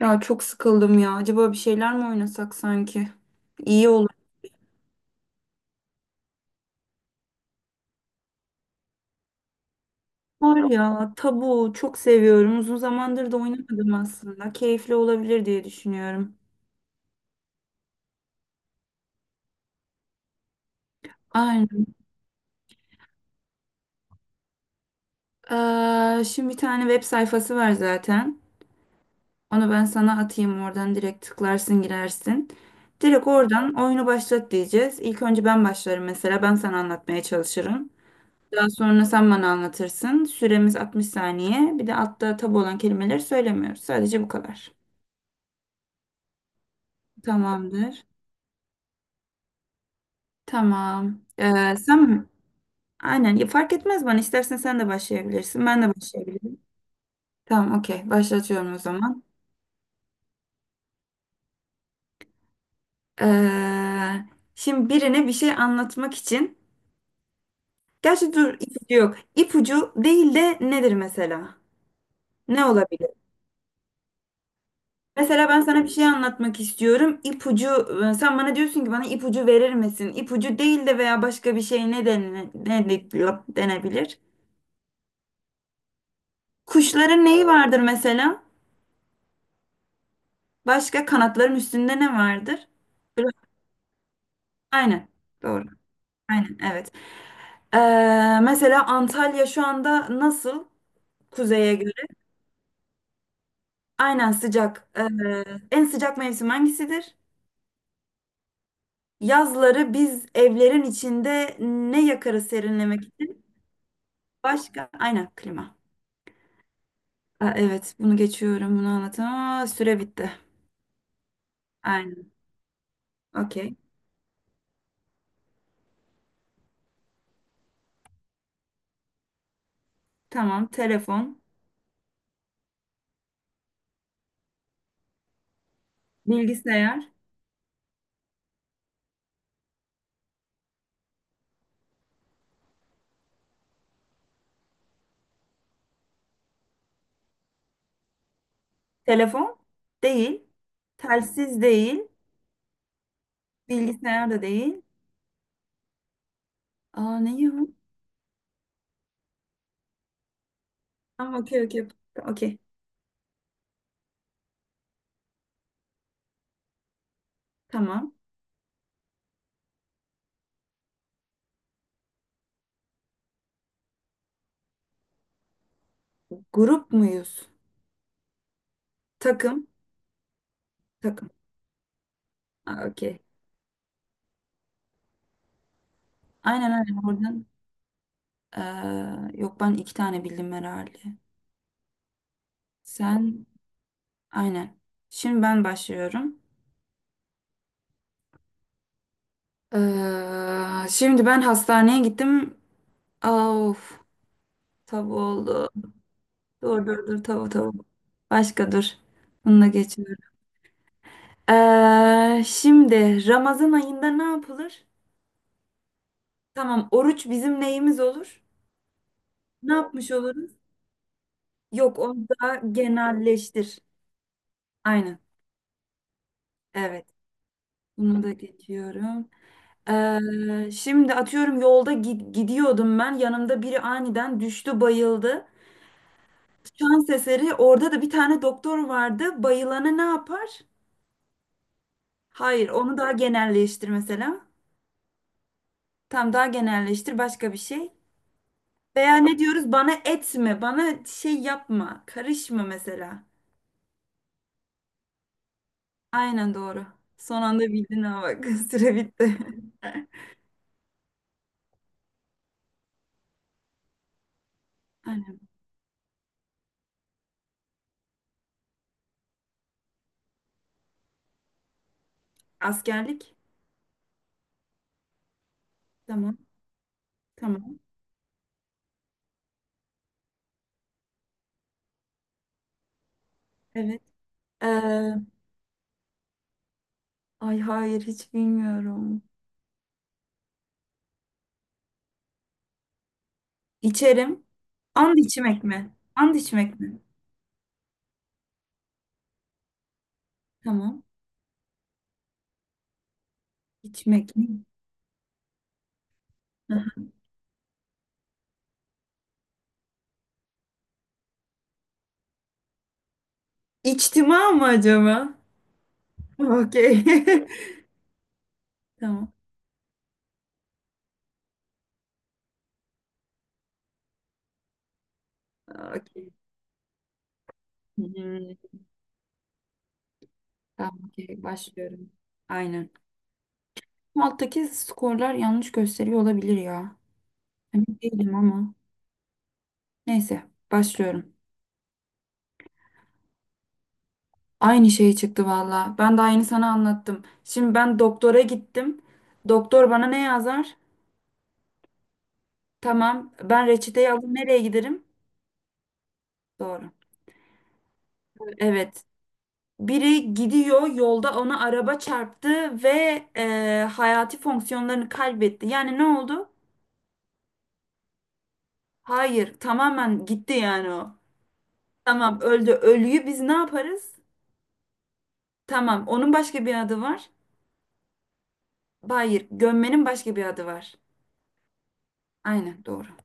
Ya çok sıkıldım ya. Acaba bir şeyler mi oynasak sanki? İyi olur. Var ya tabu çok seviyorum. Uzun zamandır da oynamadım aslında. Keyifli olabilir diye düşünüyorum. Aynen. Şimdi bir tane web sayfası var zaten. Onu ben sana atayım oradan direkt tıklarsın girersin. Direkt oradan oyunu başlat diyeceğiz. İlk önce ben başlarım mesela. Ben sana anlatmaya çalışırım. Daha sonra sen bana anlatırsın. Süremiz 60 saniye. Bir de altta tabu olan kelimeleri söylemiyoruz. Sadece bu kadar. Tamamdır. Tamam. Sen mi? Aynen. Ya, fark etmez bana. İstersen sen de başlayabilirsin. Ben de başlayabilirim. Tamam, okey. Başlatıyorum o zaman. Ee, Şimdi birine bir şey anlatmak için. Gerçi dur ipucu yok. İpucu değil de nedir mesela? Ne olabilir? Mesela ben sana bir şey anlatmak istiyorum. İpucu, sen bana diyorsun ki bana ipucu verir misin? İpucu değil de veya başka bir şey ne, denebilir? Kuşların neyi vardır mesela? Başka kanatların üstünde ne vardır? Böyle- Aynen. Doğru. Aynen. Evet. Ee, Mesela Antalya şu anda nasıl kuzeye göre? Aynen sıcak. En sıcak mevsim hangisidir? Yazları biz evlerin içinde ne yakarız serinlemek için? Başka? Aynen klima. Aa, evet bunu geçiyorum bunu anlatamam. Aa, süre bitti. Aynen. Okey. Tamam. Telefon. Bilgisayar. Telefon değil. Telsiz değil. Bilgisayar da değil. Aa ne ya? Tamam, okey okey. Okey. Tamam. Grup muyuz? Takım. Takım. Aa, okey. Aynen öyle oradan. Yok ben iki tane bildim herhalde. Sen aynen. Şimdi ben başlıyorum. Şimdi ben hastaneye gittim. Aa, of. Tav oldu. Dur dur dur tav tav. Başka dur. Bununla geçiyorum. Şimdi Ramazan ayında ne yapılır? Tamam, oruç bizim neyimiz olur? Ne yapmış oluruz? Yok, onu da genelleştir. Aynen. Evet. Bunu da geçiyorum. Şimdi atıyorum yolda gidiyordum ben. Yanımda biri aniden düştü, bayıldı. Şans eseri orada da bir tane doktor vardı. Bayılanı ne yapar? Hayır, onu daha genelleştir mesela. Tam daha genelleştir başka bir şey. Veya ne diyoruz? Bana etme, bana şey yapma, karışma mesela. Aynen doğru. Son anda bildin ha bak. Süre bitti. Aynen. Askerlik. Tamam. Tamam. Evet. Ee, Ay hayır hiç bilmiyorum. İçerim. And içmek mi? And içmek mi? Tamam. İçmek mi? Aha. İçtima mı acaba? Okey. Tamam. Okey. Hmm. Tamam. Okey. Başlıyorum. Aynen. Bu alttaki skorlar yanlış gösteriyor olabilir ya. Emin değilim ama. Neyse. Başlıyorum. Aynı şey çıktı valla. Ben daha yeni sana anlattım. Şimdi ben doktora gittim. Doktor bana ne yazar? Tamam. Ben reçeteyi aldım. Nereye giderim? Doğru. Evet. Biri gidiyor yolda ona araba çarptı ve hayati fonksiyonlarını kaybetti. Yani ne oldu? Hayır. Tamamen gitti yani o. Tamam öldü. Ölüyü biz ne yaparız? Tamam. Onun başka bir adı var. Hayır. Gömmenin başka bir adı var. Aynen doğru.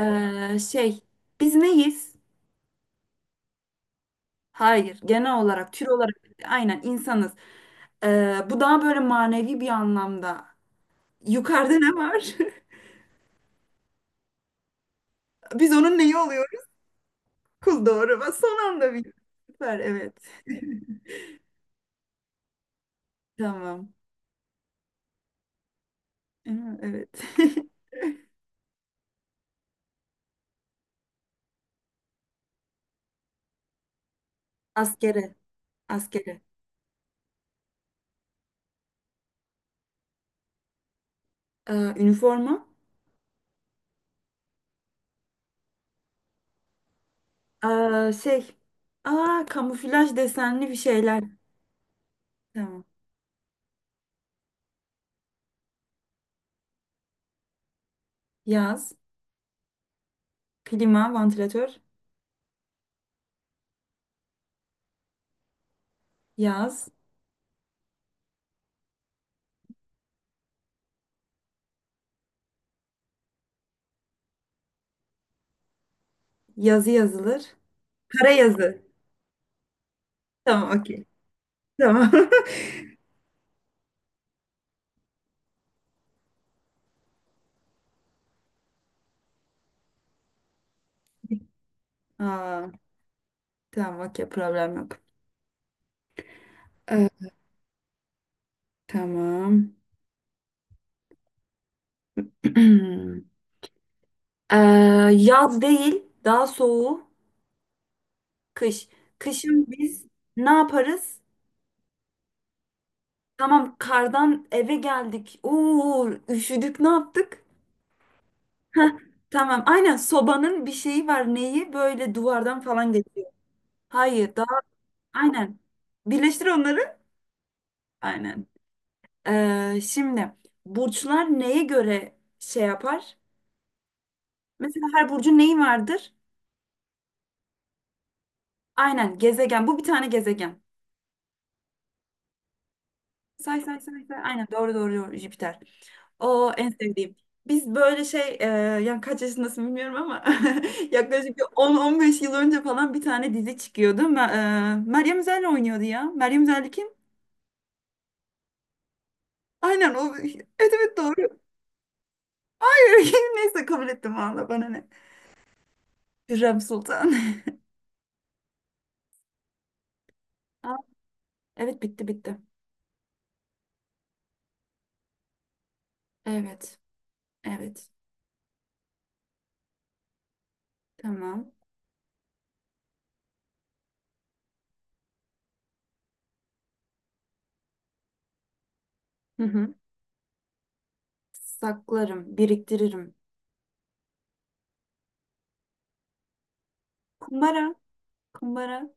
Ee, şey Biz neyiz? Hayır, genel olarak, tür olarak aynen insanız. Bu daha böyle manevi bir anlamda. Yukarıda ne var? Biz onun neyi oluyoruz? Kul doğru. Ben son anda bir. Süper, evet. Tamam. Ee, evet. Askere, askere. Üniforma. Ee, şey. Aa, kamuflaj desenli bir şeyler. Tamam. Yaz. Klima, vantilatör. Yaz. Yazı yazılır. Kara yazı. Tamam, okey. Tamam. Aa, tamam okey problem yok. Ee, tamam. Ee, Yaz değil daha soğuğu kış. Kışın biz ne yaparız? Tamam kardan eve geldik. Oo üşüdük ne yaptık? Heh, tamam aynen sobanın bir şeyi var neyi böyle duvardan falan geçiyor. Hayır daha aynen. Birleştir onları. Aynen. Şimdi burçlar neye göre şey yapar? Mesela her burcun neyi vardır? Aynen gezegen. Bu bir tane gezegen. Say say say say. Aynen doğru doğru doğru Jüpiter. O en sevdiğim. Biz böyle yani kaç yaşındasın bilmiyorum ama yaklaşık bir 10-15 yıl önce falan bir tane dizi çıkıyordu. Meryem Üzer'le oynuyordu ya. Meryem Üzer'li kim? Aynen o. Evet evet doğru. Hayır neyse kabul ettim valla bana ne. Hürrem Sultan. Aa, evet bitti bitti. Evet. Evet. Tamam. Hı hı. Saklarım, biriktiririm. Kumbara. Kumbara.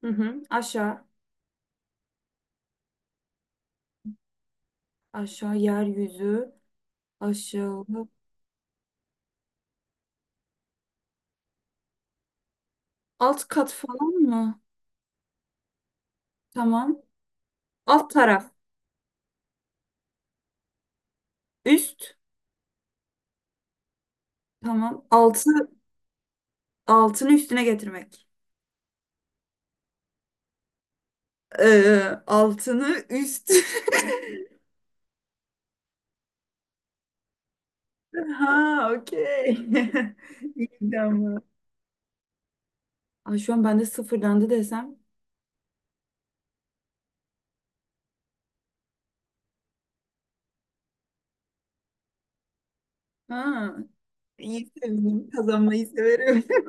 Hı hı. Aşağı. Aşağı yeryüzü. Aşağı. Alt kat falan mı? Tamam. Alt taraf. Üst. Tamam. Altı. Altını üstüne getirmek. Ee, Altını üst. Ha, okey. İyi ama. Ay, şu an ben de sıfırlandı desem. Ha, iyi sevindim. Kazanmayı severim.